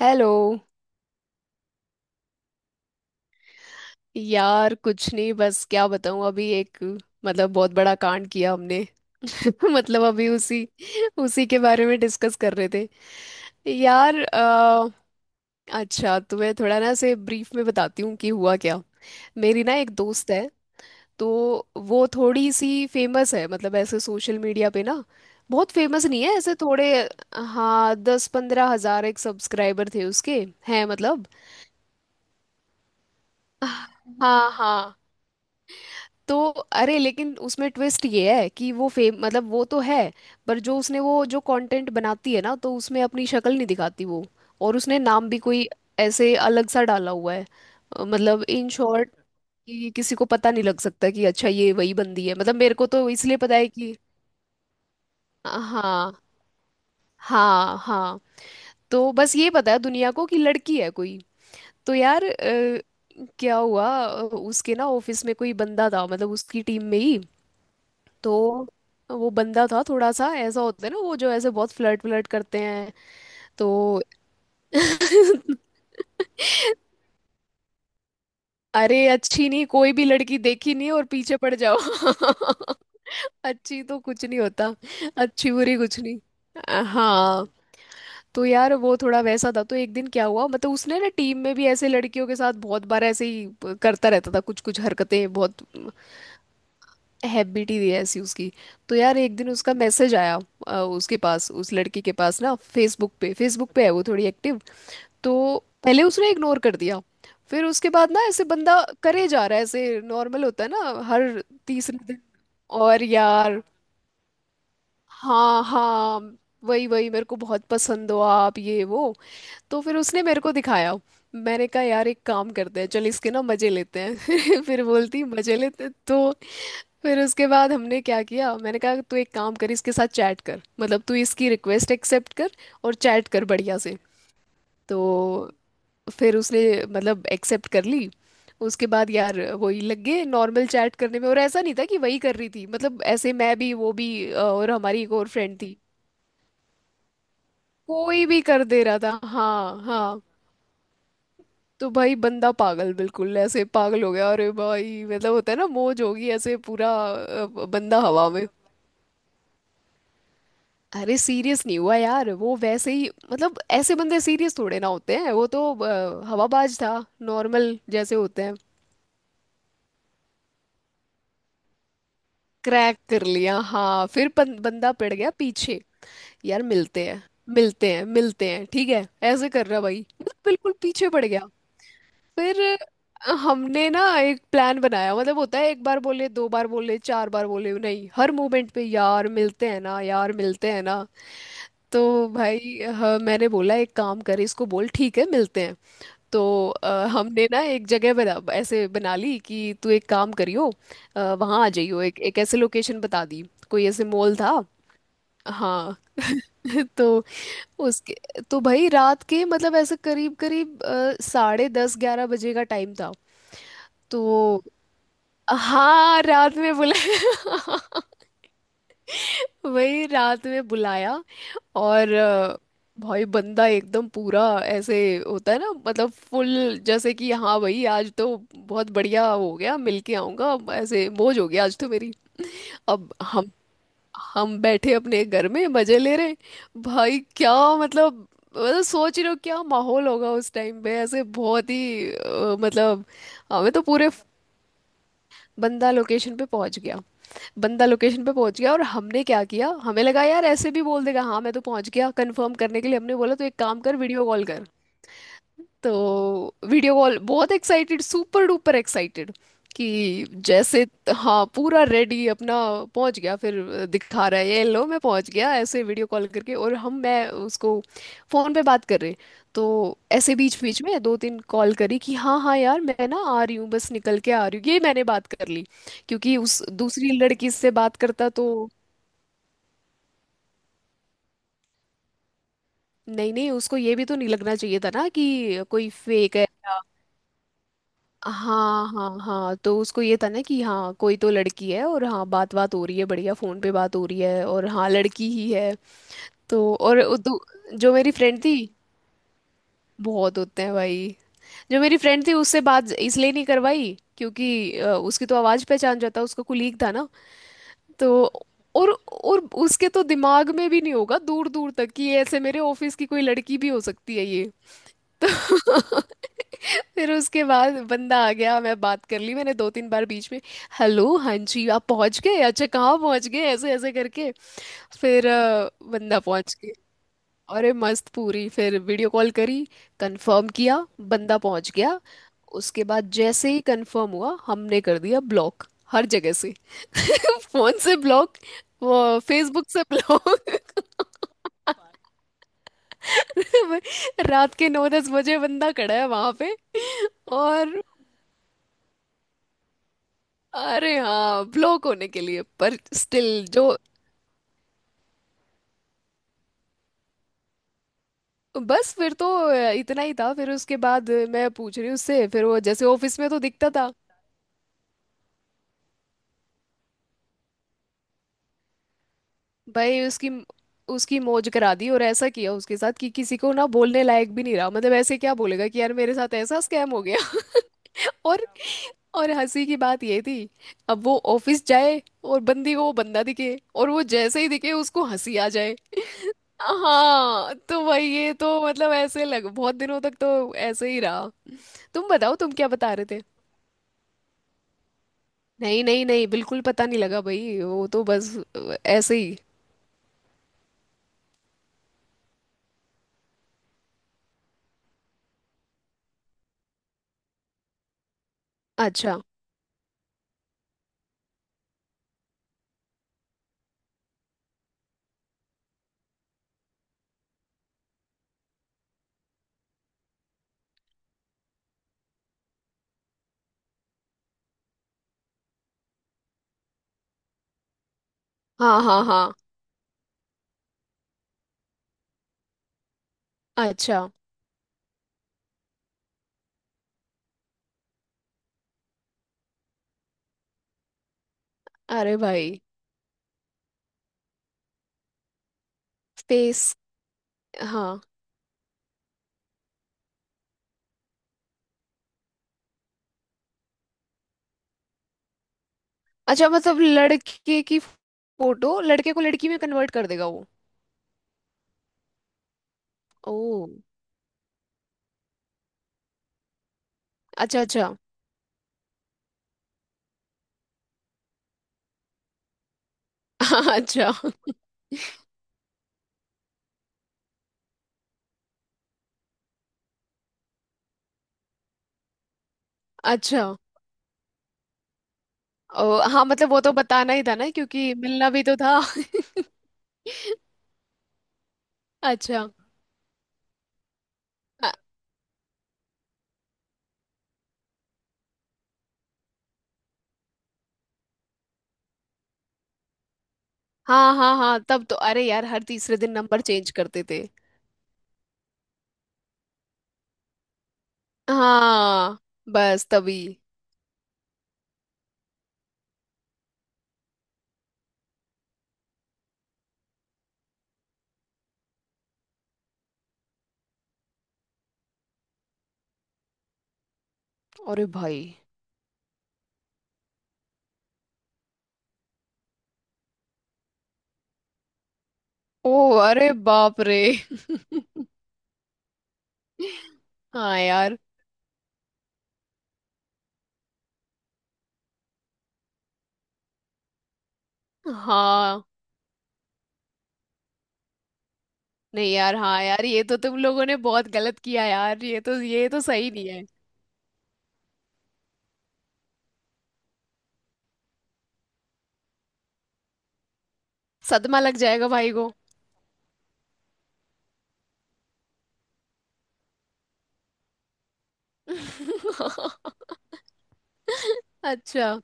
Hello. यार कुछ नहीं, बस क्या बताऊं। अभी एक मतलब बहुत बड़ा कांड किया हमने। मतलब अभी उसी उसी के बारे में डिस्कस कर रहे थे। यार अच्छा, तुम्हें थोड़ा ना से ब्रीफ में बताती हूँ कि हुआ क्या। मेरी ना एक दोस्त है। तो वो थोड़ी सी फेमस है, मतलब ऐसे सोशल मीडिया पे ना। बहुत फेमस नहीं है, ऐसे थोड़े। हाँ, 10-15 हजार एक सब्सक्राइबर थे उसके। हैं मतलब। हाँ हाँ। तो अरे, लेकिन उसमें ट्विस्ट ये है कि वो फेम, मतलब वो तो है, पर जो उसने वो जो कंटेंट बनाती है ना, तो उसमें अपनी शक्ल नहीं दिखाती वो। और उसने नाम भी कोई ऐसे अलग सा डाला हुआ है। मतलब इन शॉर्ट कि किसी को पता नहीं लग सकता कि अच्छा ये वही बंदी है, मतलब मेरे को तो इसलिए पता है कि। हाँ हाँ हाँ। तो बस ये पता है दुनिया को कि लड़की है कोई। तो यार क्या हुआ, उसके ना ऑफिस में कोई बंदा था, मतलब उसकी टीम में ही। तो वो बंदा था थोड़ा सा, ऐसा होता है ना वो जो ऐसे बहुत फ्लर्ट फ्लर्ट करते हैं। तो अरे अच्छी नहीं, कोई भी लड़की देखी नहीं और पीछे पड़ जाओ। अच्छी तो कुछ नहीं होता। अच्छी बुरी कुछ नहीं। हाँ। तो यार वो थोड़ा वैसा था। तो एक दिन क्या हुआ, मतलब उसने ना टीम में भी ऐसे लड़कियों के साथ बहुत बार ऐसे ही करता रहता था, कुछ कुछ हरकतें बहुत। हैप्पी टी दी है ऐसी उसकी। तो यार एक दिन उसका मैसेज आया। उसके पास, उस लड़की के पास ना, फेसबुक पे, फेसबुक पे है वो थोड़ी एक्टिव। तो पहले उसने इग्नोर कर दिया। फिर उसके बाद ना ऐसे बंदा करे जा रहा है, ऐसे नॉर्मल होता है ना, हर तीसरे दिन। और यार हाँ हाँ वही वही मेरे को बहुत पसंद हो आप, ये वो। तो फिर उसने मेरे को दिखाया। मैंने कहा यार एक काम करते हैं, चल इसके ना मजे लेते हैं। फिर बोलती मजे लेते हैं।" तो फिर उसके बाद हमने क्या किया, मैंने कहा तू एक काम कर, इसके साथ चैट कर, मतलब तू इसकी रिक्वेस्ट एक्सेप्ट कर और चैट कर बढ़िया से। तो फिर उसने मतलब एक्सेप्ट कर ली। उसके बाद यार वही लग गए नॉर्मल चैट करने में, और ऐसा नहीं था कि वही कर रही थी, मतलब ऐसे मैं भी वो भी और हमारी एक और फ्रेंड थी। कोई भी कर दे रहा था, हाँ हाँ। तो भाई बंदा पागल, बिल्कुल ऐसे पागल हो गया। अरे भाई मतलब होता है ना, मौज होगी, ऐसे पूरा बंदा हवा में। अरे सीरियस नहीं हुआ यार, वो वैसे ही मतलब, ऐसे बंदे सीरियस थोड़े ना होते हैं, वो तो हवाबाज था, नॉर्मल जैसे होते हैं। क्रैक कर लिया हाँ। फिर बंदा पड़ गया पीछे। यार मिलते हैं, मिलते हैं मिलते हैं, ठीक है। ऐसे कर रहा भाई। बिल्कुल पीछे पड़ गया। फिर हमने ना एक प्लान बनाया, मतलब होता है एक बार बोले, दो बार बोले, चार बार बोले नहीं, हर मोमेंट पे यार मिलते हैं ना, यार मिलते हैं ना। तो भाई हाँ, मैंने बोला एक काम कर, इसको बोल ठीक है मिलते हैं। तो हमने ना एक जगह बना, ऐसे बना ली, कि तू एक काम करियो, वहाँ आ जाइयो, एक एक ऐसे लोकेशन बता दी। कोई ऐसे मॉल था। हाँ। तो उसके तो भाई रात के, मतलब ऐसे करीब करीब 10:30-11 बजे का टाइम था। तो हाँ, रात में बुलाया। वही रात में बुलाया। और भाई बंदा एकदम पूरा ऐसे होता है ना मतलब फुल, जैसे कि हाँ भाई आज तो बहुत बढ़िया हो गया मिल के आऊंगा, अब ऐसे मौज हो गया आज तो मेरी। अब हम बैठे अपने घर में मजे ले रहे हैं। भाई क्या मतलब, मतलब सोच रहे हो क्या माहौल होगा उस टाइम पे, ऐसे बहुत ही मतलब। हमें तो पूरे। बंदा लोकेशन पे पहुंच गया। बंदा लोकेशन पे पहुंच गया और हमने क्या किया, हमें लगा यार ऐसे भी बोल देगा हाँ मैं तो पहुंच गया, कंफर्म करने के लिए हमने बोला तो एक काम कर, वीडियो कॉल कर। तो वीडियो कॉल, बहुत एक्साइटेड, सुपर डुपर एक्साइटेड, कि जैसे हाँ पूरा रेडी अपना। पहुंच गया फिर दिखा रहा है ये लो मैं पहुंच गया ऐसे वीडियो कॉल करके, और हम मैं उसको फोन पे बात कर रहे। तो ऐसे बीच बीच में दो तीन कॉल करी कि हाँ हाँ यार मैं ना आ रही हूँ, बस निकल के आ रही हूँ, ये मैंने बात कर ली। क्योंकि उस दूसरी लड़की से बात करता तो। नहीं नहीं, उसको ये भी तो नहीं लगना चाहिए था ना कि कोई फेक है। हाँ हाँ हाँ, तो उसको ये था ना कि हाँ कोई तो लड़की है, और हाँ बात, बात हो रही है बढ़िया, फोन पे बात हो रही है, और हाँ लड़की ही है। तो और जो मेरी फ्रेंड थी। बहुत होते हैं भाई। जो मेरी फ्रेंड थी, उससे बात इसलिए नहीं करवाई क्योंकि उसकी तो आवाज़ पहचान जाता, उसका कुलीग था ना। तो और। उसके तो दिमाग में भी नहीं होगा दूर दूर तक कि ऐसे मेरे ऑफिस की कोई लड़की भी हो सकती है ये। तो फिर उसके बाद बंदा आ गया, मैं बात कर ली, मैंने दो तीन बार बीच में हेलो हाँ जी आप पहुंच गए, अच्छा कहाँ पहुंच गए, ऐसे ऐसे करके। फिर बंदा पहुंच गया। अरे मस्त पूरी, फिर वीडियो कॉल करी, कंफर्म किया, बंदा पहुंच गया। उसके बाद जैसे ही कंफर्म हुआ, हमने कर दिया ब्लॉक हर जगह से। फोन से ब्लॉक, वो फेसबुक से ब्लॉक। रात के 9-10 बजे बंदा खड़ा है वहां पे। और अरे हाँ, ब्लॉक होने के लिए, पर स्टिल जो। बस फिर तो इतना ही था। फिर उसके बाद मैं पूछ रही हूँ उससे, फिर वो जैसे ऑफिस में तो दिखता था। भाई उसकी, उसकी मौज करा दी, और ऐसा किया उसके साथ कि किसी को ना बोलने लायक भी नहीं रहा, मतलब ऐसे क्या बोलेगा कि यार मेरे साथ ऐसा स्कैम हो गया। और और हंसी की बात ये थी। अब वो ऑफिस जाए और बंदी को वो बंदा दिखे, और वो जैसे ही दिखे उसको हंसी आ जाए। हाँ तो वही, ये तो मतलब ऐसे लग, बहुत दिनों तक तो ऐसे ही रहा। तुम बताओ तुम क्या बता रहे थे। नहीं नहीं नहीं, बिल्कुल पता नहीं लगा भाई, वो तो बस ऐसे ही। अच्छा। हाँ हाँ हाँ। अच्छा। अरे भाई। फेस। हाँ। अच्छा, मतलब लड़के की फोटो, लड़के को लड़की में कन्वर्ट कर देगा वो। ओ अच्छा अच्छा। हाँ, अच्छा अच्छा। ओ, हाँ मतलब वो तो बताना ही था ना, क्योंकि मिलना भी तो था। अच्छा। अ- हाँ हाँ हाँ, तब तो अरे यार हर तीसरे दिन नंबर चेंज करते थे। हाँ, बस तभी। अरे भाई। ओ। अरे बाप रे। हाँ यार। हाँ। नहीं यार, हाँ यार ये तो तुम लोगों ने बहुत गलत किया यार, ये तो सही नहीं है। सदमा लग जाएगा भाई को। अच्छा।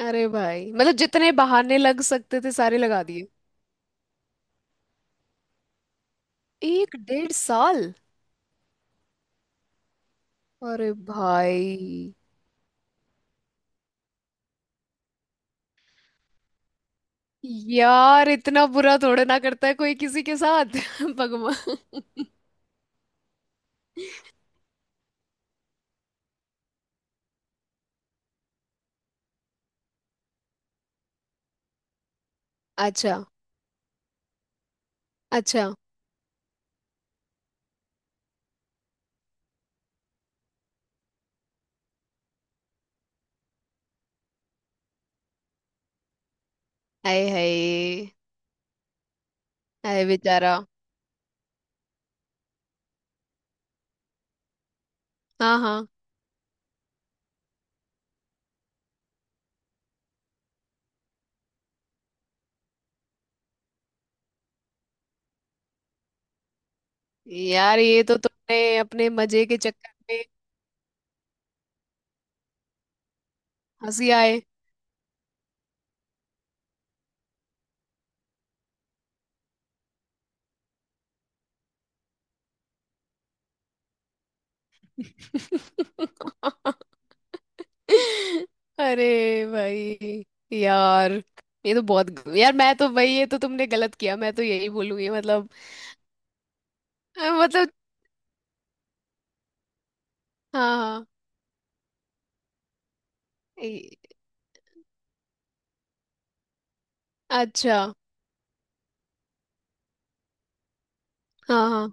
अरे भाई, मतलब जितने बहाने लग सकते थे सारे लगा। एक डेढ़ साल। अरे भाई। यार इतना बुरा थोड़े ना करता है कोई किसी के साथ। भगवान। अच्छा अच्छा। आए हाय। आए बेचारा। हाँ हाँ, यार ये तो तुमने अपने मजे के चक्कर में। हंसी आए। अरे भाई। यार ये तो बहुत यार, मैं तो भाई ये तो तुमने गलत किया, मैं तो यही बोलूंगी, मतलब। मतलब। हाँ हाँ। ए- अच्छा। हाँ हाँ।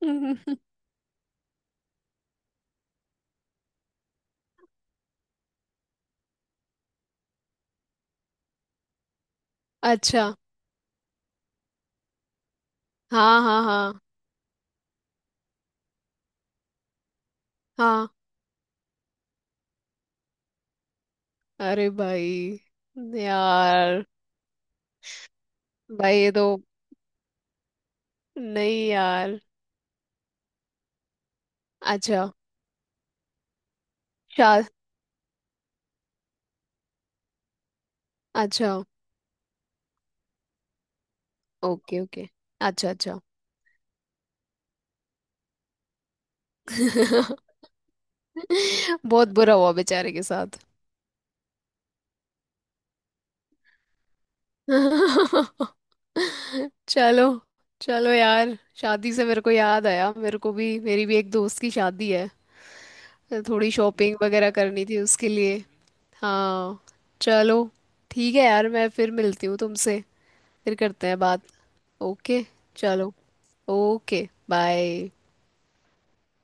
अच्छा। हाँ हाँ हाँ हाँ। अरे भाई। यार। भाई ये तो। नहीं यार। अच्छा। शा। अच्छा। Okay okay. अच्छा अच्छा। बहुत बुरा हुआ बेचारे के साथ। चलो। चलो यार, शादी से मेरे को याद आया, मेरे को भी, मेरी भी एक दोस्त की शादी है। थोड़ी शॉपिंग वगैरह करनी थी उसके लिए। हाँ। चलो, ठीक है यार, मैं फिर मिलती हूँ तुमसे। फिर करते हैं बात। ओके। चलो। Okay bye.